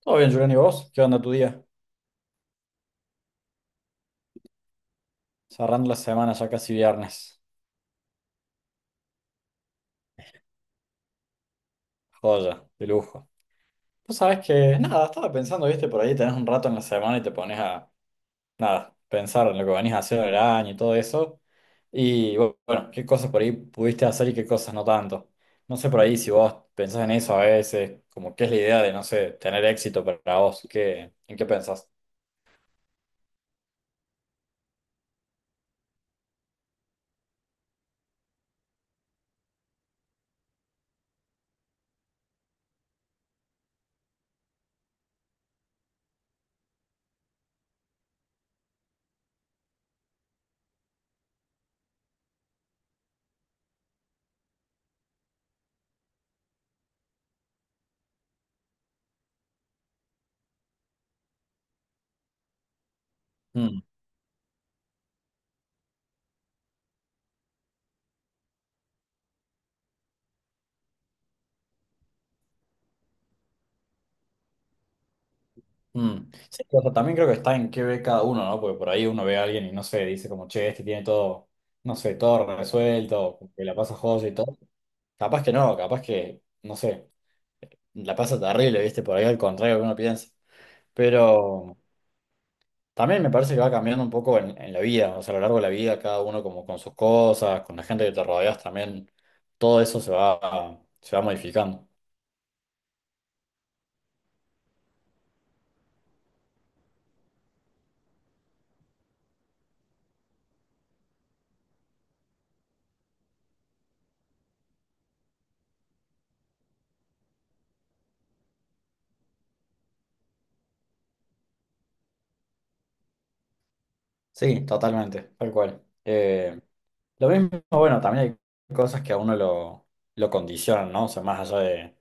Todo bien, Julián, ¿y vos? ¿Qué onda tu día? Cerrando la semana, ya casi viernes. Joya, de lujo. Vos sabés que, nada, estaba pensando, viste, por ahí tenés un rato en la semana y te pones a, nada, pensar en lo que venís a hacer el año y todo eso. Y bueno, qué cosas por ahí pudiste hacer y qué cosas no tanto. No sé, por ahí si vos pensás en eso a veces, como qué es la idea de, no sé, tener éxito para vos, ¿qué, en qué pensás? Hmm. Mm. Sí, o sea, también creo que está en qué ve cada uno, ¿no? Porque por ahí uno ve a alguien y no sé, dice como, che, este tiene todo, no sé, todo resuelto, que la pasa joya y todo. Capaz que, no sé, la pasa terrible, ¿viste? Por ahí al contrario que uno piensa. Pero también me parece que va cambiando un poco en la vida, o sea, a lo largo de la vida, cada uno como con sus cosas, con la gente que te rodeas también, todo eso se va modificando. Sí, totalmente, tal cual. Lo mismo, bueno, también hay cosas que a uno lo condicionan, ¿no? O sea, más allá de,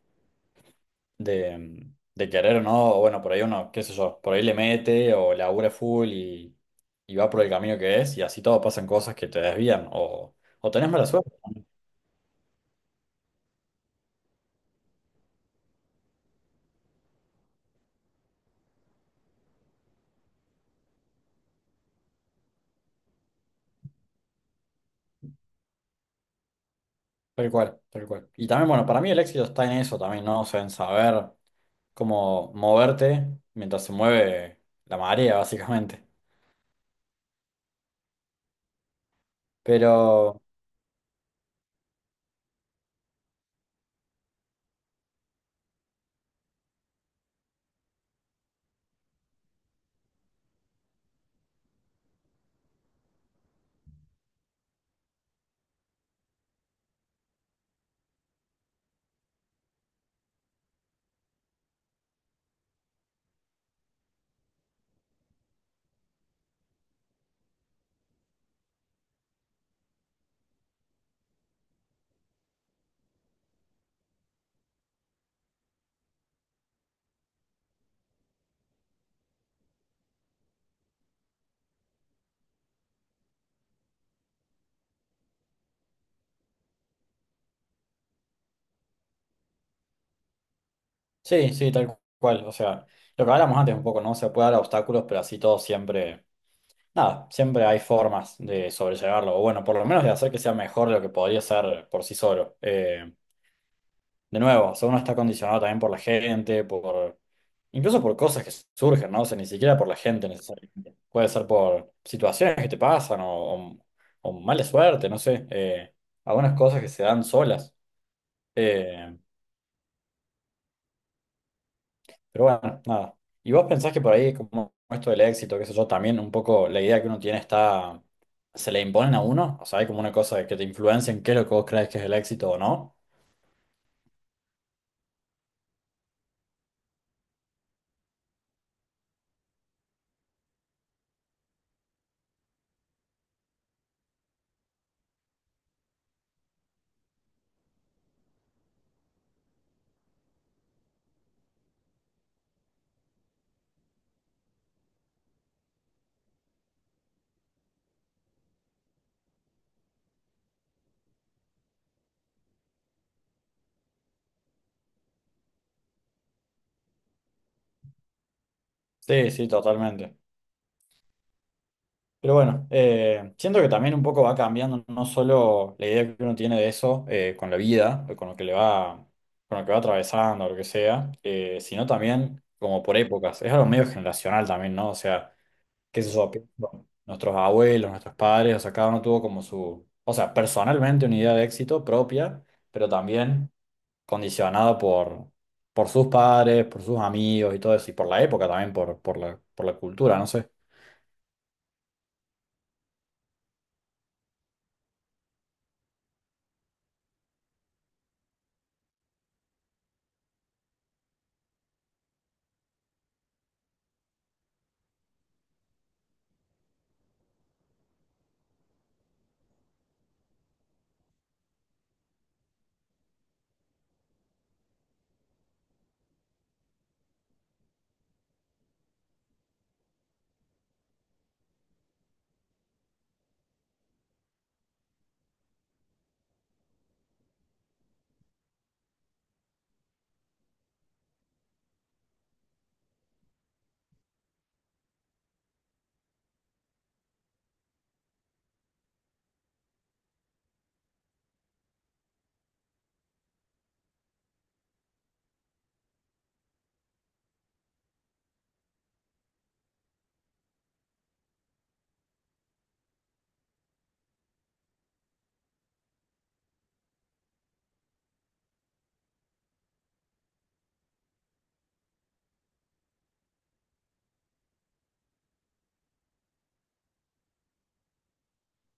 de, mm, de querer o no, o bueno, por ahí uno, qué sé yo, por ahí le mete o labura full y va por el camino que es, y así todo pasan cosas que te desvían o tenés mala suerte. Tal cual, tal cual. Y también, bueno, para mí el éxito está en eso también, ¿no? O sea, en saber cómo moverte mientras se mueve la marea, básicamente. Pero. Sí, sí, tal cual. O sea, lo que hablamos antes un poco, ¿no? Se puede dar obstáculos, pero así todo siempre, nada, siempre hay formas de sobrellevarlo, o bueno, por lo menos de hacer que sea mejor de lo que podría ser por sí solo. De nuevo, o sea, uno está condicionado también por la gente, por, incluso por cosas que surgen, ¿no? O sea, ni siquiera por la gente necesariamente. Puede ser por situaciones que te pasan o mala suerte, no sé, algunas cosas que se dan solas. Eh, Pero bueno, nada. ¿Y vos pensás que por ahí, como esto del éxito, qué sé yo, también un poco la idea que uno tiene está, se le imponen a uno? O sea, hay como una cosa de que te influencia en qué es lo que vos crees que es el éxito o no. Sí, sí, totalmente. Pero bueno, siento que también un poco va cambiando no solo la idea que uno tiene de eso, con la vida, o con lo que le va, con lo que va atravesando, o lo que sea, sino también como por épocas. Es algo medio generacional también, ¿no? O sea. Que se eso? Pienso, nuestros abuelos, nuestros padres, o sea, cada uno tuvo como su, o sea, personalmente una idea de éxito propia, pero también condicionada por sus padres, por sus amigos y todo eso, y por la época también, por la cultura, no sé.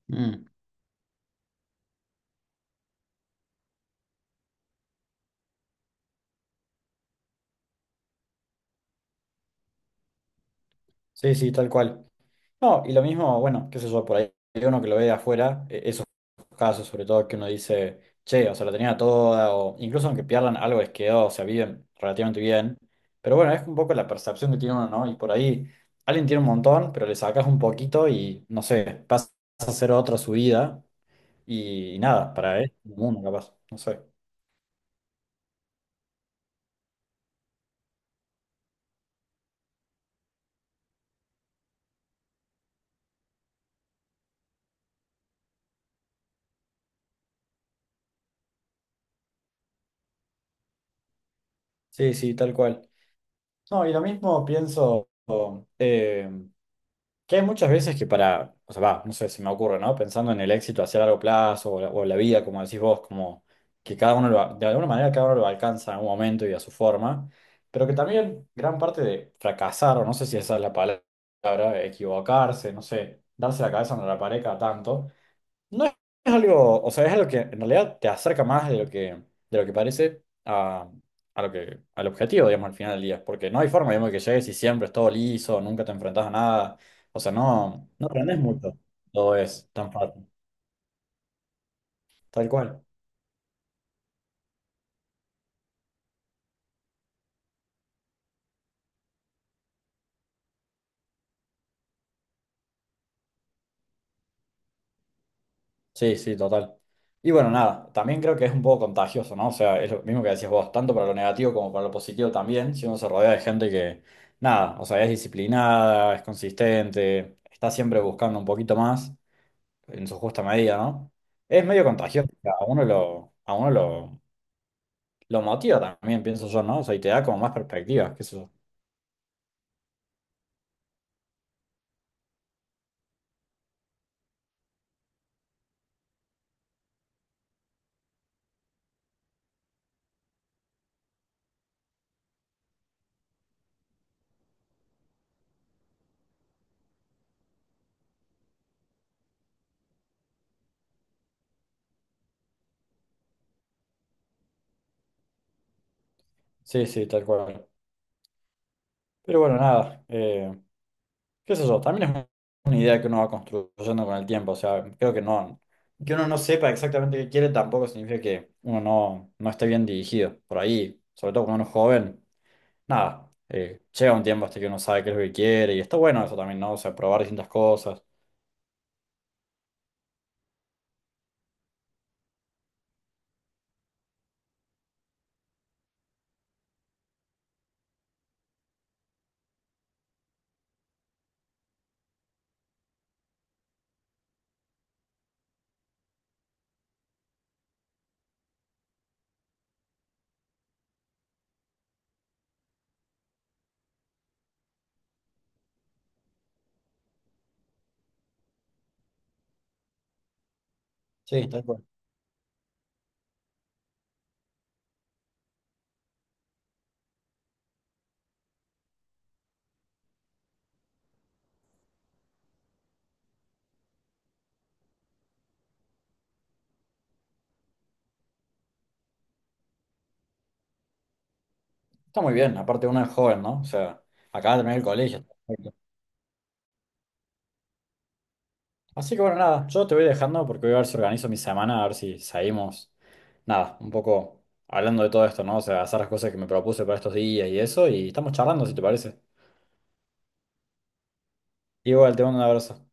Mm. Sí, sí, tal cual. No, y lo mismo, bueno, qué sé yo, por ahí hay uno que lo ve de afuera, esos casos sobre todo que uno dice, che, o sea, la tenía toda, o incluso aunque pierdan algo les quedó, o sea, viven relativamente bien. Pero bueno, es un poco la percepción que tiene uno, ¿no? Y por ahí alguien tiene un montón, pero le sacas un poquito y, no sé, pasa a ser otra su vida y, nada, para él, uno capaz, no sé. Sí, sí, tal cual. No, y lo mismo pienso, eh, que hay muchas veces que para, o sea, va, no sé, se me ocurre, ¿no? Pensando en el éxito hacia largo plazo o la vida, como decís vos, como que cada uno lo, de alguna manera cada uno lo alcanza en un momento y a su forma, pero que también gran parte de fracasar, o no sé si esa es la palabra, equivocarse, no sé, darse la cabeza en la pared cada tanto, no es algo, o sea, es algo que en realidad te acerca más de lo que parece a lo que, al objetivo, digamos, al final del día. Porque no hay forma, digamos, que llegues y siempre es todo liso, nunca te enfrentas a nada. O sea, no, no aprendes mucho. Todo es tan fácil. Tal cual. Sí, sí, total. Y bueno, nada, también creo que es un poco contagioso, ¿no? O sea, es lo mismo que decías vos, tanto para lo negativo como para lo positivo también, si uno se rodea de gente que, nada, o sea, es disciplinada, es consistente, está siempre buscando un poquito más, en su justa medida, ¿no? Es medio contagioso, o sea, lo motiva también, pienso yo, ¿no? O sea, y te da como más perspectivas, qué sé yo. Sí, sí, tal cual. Pero bueno, nada, qué sé yo, también es una idea que uno va construyendo con el tiempo, o sea, creo que no, que uno no sepa exactamente qué quiere tampoco significa que uno no, no esté bien dirigido. Por ahí, sobre todo cuando uno es joven, nada, llega un tiempo hasta que uno sabe qué es lo que quiere y está bueno eso también, ¿no? O sea, probar distintas cosas. Sí, tal cual. Está muy bien, aparte uno es joven, ¿no? O sea, acaba de terminar el colegio. Perfecto. Así que bueno, nada, yo te voy dejando porque voy a ver si organizo mi semana, a ver si salimos, nada, un poco hablando de todo esto, ¿no? O sea, hacer las cosas que me propuse para estos días y eso, y estamos charlando, si te parece. Igual, te mando un abrazo.